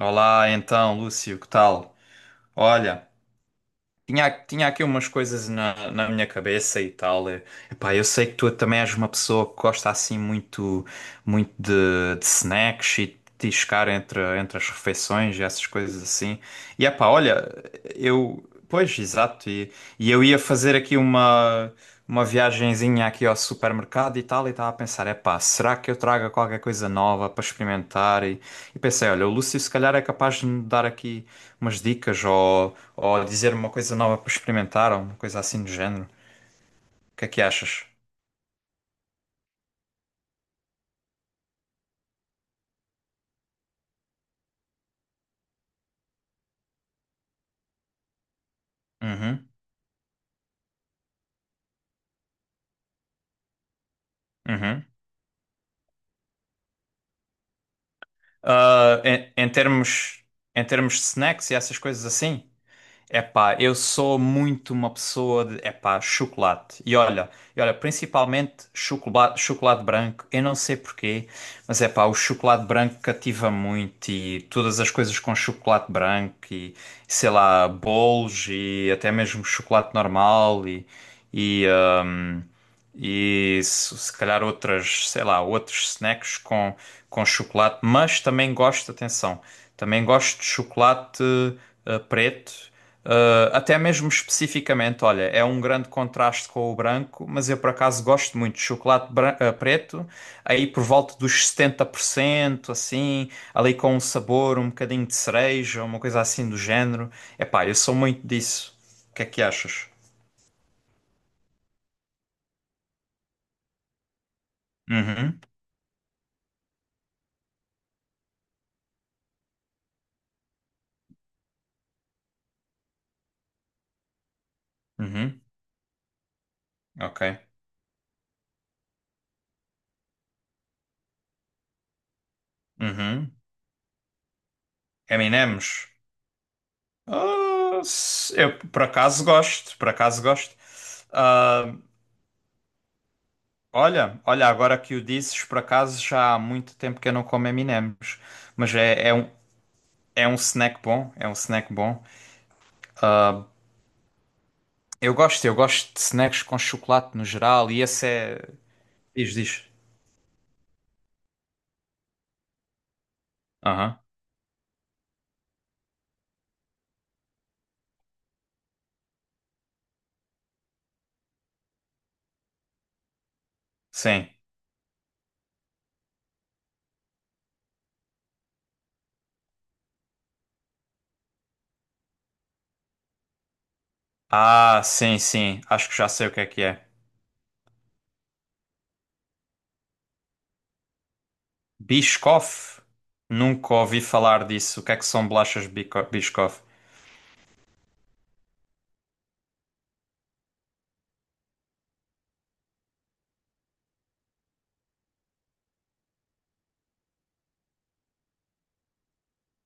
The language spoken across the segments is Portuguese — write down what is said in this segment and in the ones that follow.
Olá, então, Lúcio, que tal? Olha, tinha aqui umas coisas na minha cabeça e tal. E, epá, eu sei que tu também és uma pessoa que gosta assim muito, muito de snacks e de tiscar entre as refeições e essas coisas assim. E epá, olha, eu. Pois, exato. E eu ia fazer aqui uma viagenzinha aqui ao supermercado e tal. E estava a pensar: epá, será que eu traga qualquer coisa nova para experimentar? E pensei: olha, o Lúcio se calhar é capaz de me dar aqui umas dicas ou dizer uma coisa nova para experimentar ou uma coisa assim do género. O que é que achas? Uhum, uhum. Ah, em, em termos, em termos de snacks e essas coisas assim, epá, eu sou muito uma pessoa de, epá, chocolate. E olha, principalmente chocolate, chocolate branco. Eu não sei porquê, mas epá, o chocolate branco cativa muito e todas as coisas com chocolate branco e sei lá, bolos e até mesmo chocolate normal e, e se calhar outras, sei lá, outros snacks com chocolate, mas também gosto, atenção, também gosto de chocolate preto, até mesmo especificamente, olha, é um grande contraste com o branco, mas eu por acaso gosto muito de chocolate preto, aí por volta dos 70% assim, ali com um sabor, um bocadinho de cereja, uma coisa assim do género. Epá, eu sou muito disso. O que é que achas? Uhum, uhum, ok. Uhum. Eminems? Eu por acaso gosto, por acaso gosto. Ah, olha, olha, agora que o dizes, por acaso já há muito tempo que eu não como Eminems, mas é, é um snack bom, é um snack bom. Eu gosto de snacks com chocolate no geral e esse é... Diz, diz. Aham, sim. Ah, sim, sim, acho que já sei o que é que é. Biscoff? Nunca ouvi falar disso. O que é que são bolachas Biscoff?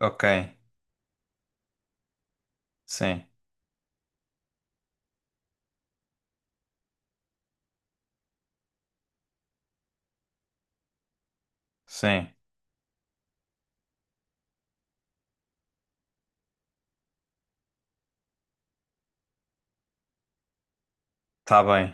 Ok, sim, sim. Tá bem,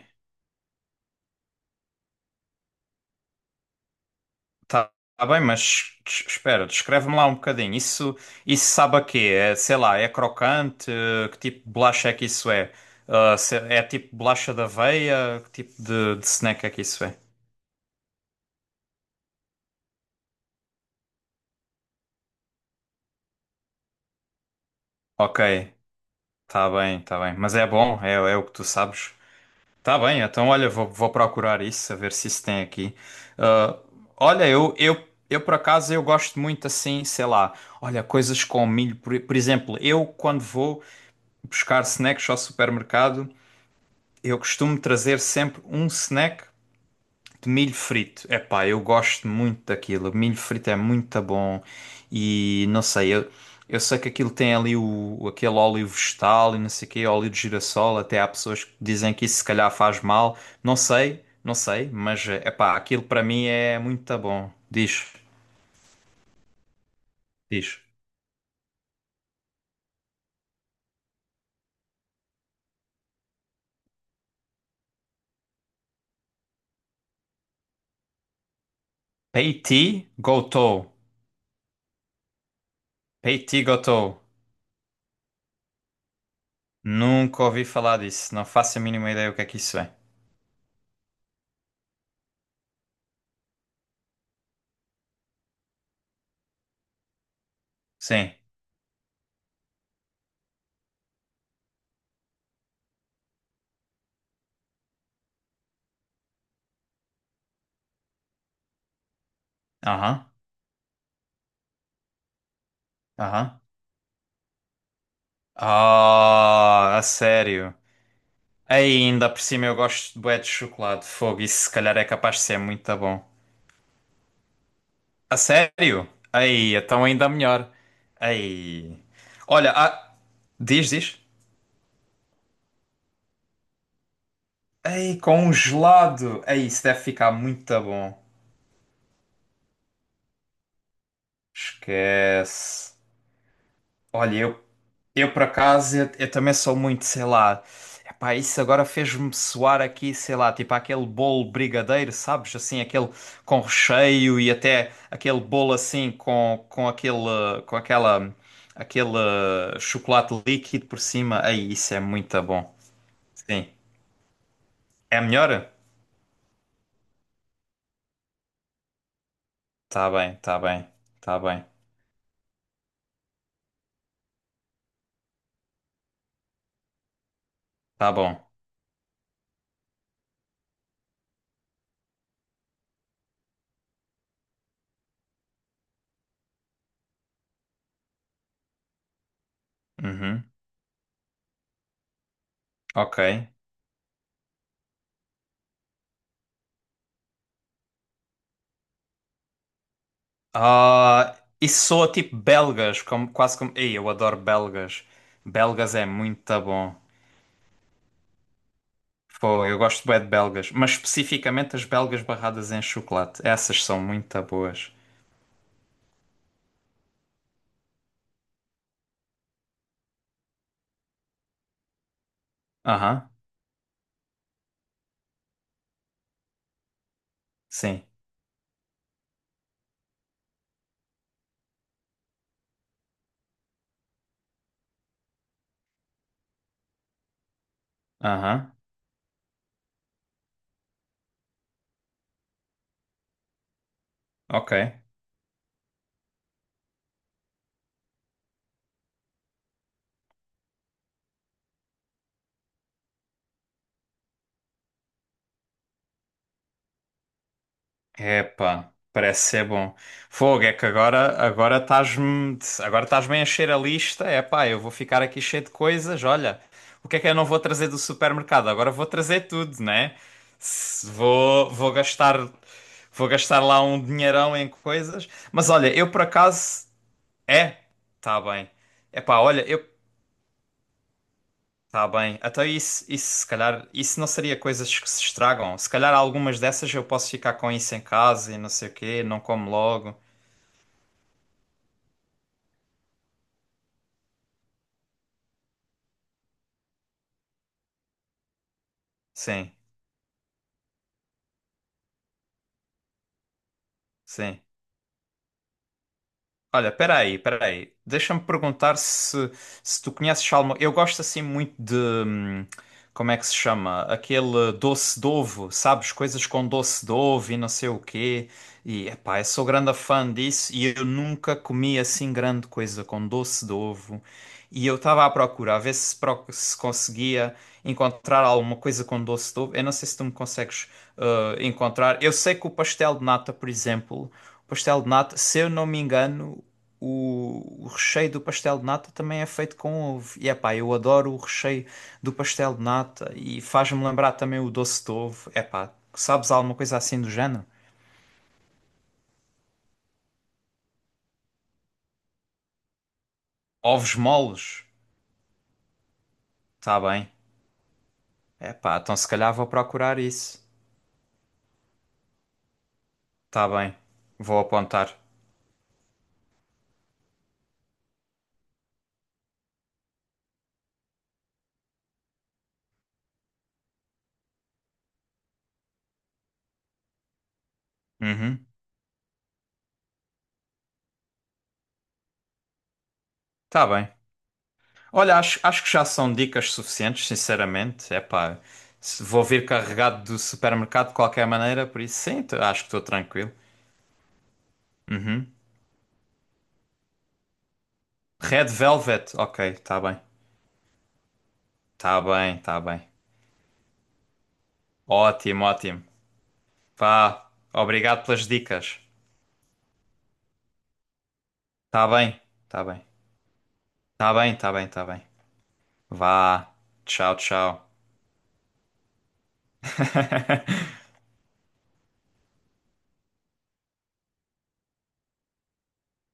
tá, tá bem, mas espera, descreve-me lá um bocadinho. Isso, isso sabe a quê? É, sei lá, é crocante? Que tipo de bolacha é que isso é? É tipo bolacha da aveia? Que tipo de snack é que isso é? Ok, tá bem, tá bem. Mas é bom, é, é o que tu sabes. Tá bem, então olha, vou, vou procurar isso, a ver se isso tem aqui. Ah, olha, eu por acaso eu gosto muito assim, sei lá, olha, coisas com milho. Por exemplo, eu quando vou buscar snacks ao supermercado, eu costumo trazer sempre um snack de milho frito. Epá, eu gosto muito daquilo. Milho frito é muito bom e não sei, eu sei que aquilo tem ali o, aquele óleo vegetal e não sei o quê, óleo de girassol, até há pessoas que dizem que isso se calhar faz mal. Não sei, não sei, mas epá, aquilo para mim é muito bom. Diz, diz. Peiti Gotou. Peiti Gotou. Nunca ouvi falar disso, não faço a mínima ideia o que é que isso é. Sim. Aham. Aham. Ah, a sério. Aí, ainda por cima eu gosto de bué de chocolate de fogo. Isso se calhar é capaz de ser muito bom. A sério? Aí, então ainda melhor. Aí. Olha, diz, diz. Aí, com um gelado. Aí, isso deve ficar muito bom. Esquece. Olha, eu. Eu, por acaso, eu também sou muito, sei lá. Epá, isso agora fez-me soar aqui, sei lá, tipo aquele bolo brigadeiro, sabes? Assim, aquele com recheio e até aquele bolo assim com aquele, com aquela, aquele chocolate líquido por cima. Aí, isso é muito bom. Sim. É melhor? Tá bem, tá bem, tá bem, tá bom. Uhum. Ok. Ah, e soa tipo belgas, como, quase como. Ei, eu adoro belgas. Belgas é muito bom. Pô, eu gosto bem de belgas, mas especificamente as belgas barradas em chocolate. Essas são muito boas. Aham, sim. Aham, ok. Epá, parece ser bom. Fogo, é que agora estás-me a encher a lista. Epá, eu vou ficar aqui cheio de coisas. Olha, o que é que eu não vou trazer do supermercado? Agora vou trazer tudo, né? Se- Vou vou gastar vou gastar lá um dinheirão em coisas. Mas olha, eu por acaso é, tá bem. Epá, olha, eu tá bem. Até isso se calhar isso não seria coisas que se estragam. Se calhar algumas dessas eu posso ficar com isso em casa e não sei o quê, não como logo. Sim, sim. Olha, peraí, peraí. Deixa-me perguntar se, se tu conheces alguma. Eu gosto assim muito de. Como é que se chama? Aquele doce de ovo, sabes? Coisas com doce de ovo e não sei o quê. E, epá, eu sou grande fã disso e eu nunca comi assim grande coisa com doce de ovo. E eu estava à procura, a ver se, se conseguia encontrar alguma coisa com doce de ovo. Eu não sei se tu me consegues encontrar. Eu sei que o pastel de nata, por exemplo. Pastel de nata, se eu não me engano, o recheio do pastel de nata também é feito com ovo. E epá, eu adoro o recheio do pastel de nata e faz-me lembrar também o doce de ovo. Epá, sabes alguma coisa assim do género? Ovos moles? Tá bem. Epá, então se calhar vou procurar isso. Tá bem. Vou apontar. Uhum. Tá bem. Olha, acho, acho que já são dicas suficientes, sinceramente. Epá, vou vir carregado do supermercado de qualquer maneira, por isso sim, acho que estou tranquilo. Red Velvet, ok, tá bem. Tá bem, tá bem. Ótimo, ótimo. Vá, obrigado pelas dicas. Tá bem, tá bem. Tá bem, tá bem, tá bem. Vá. Tchau, tchau.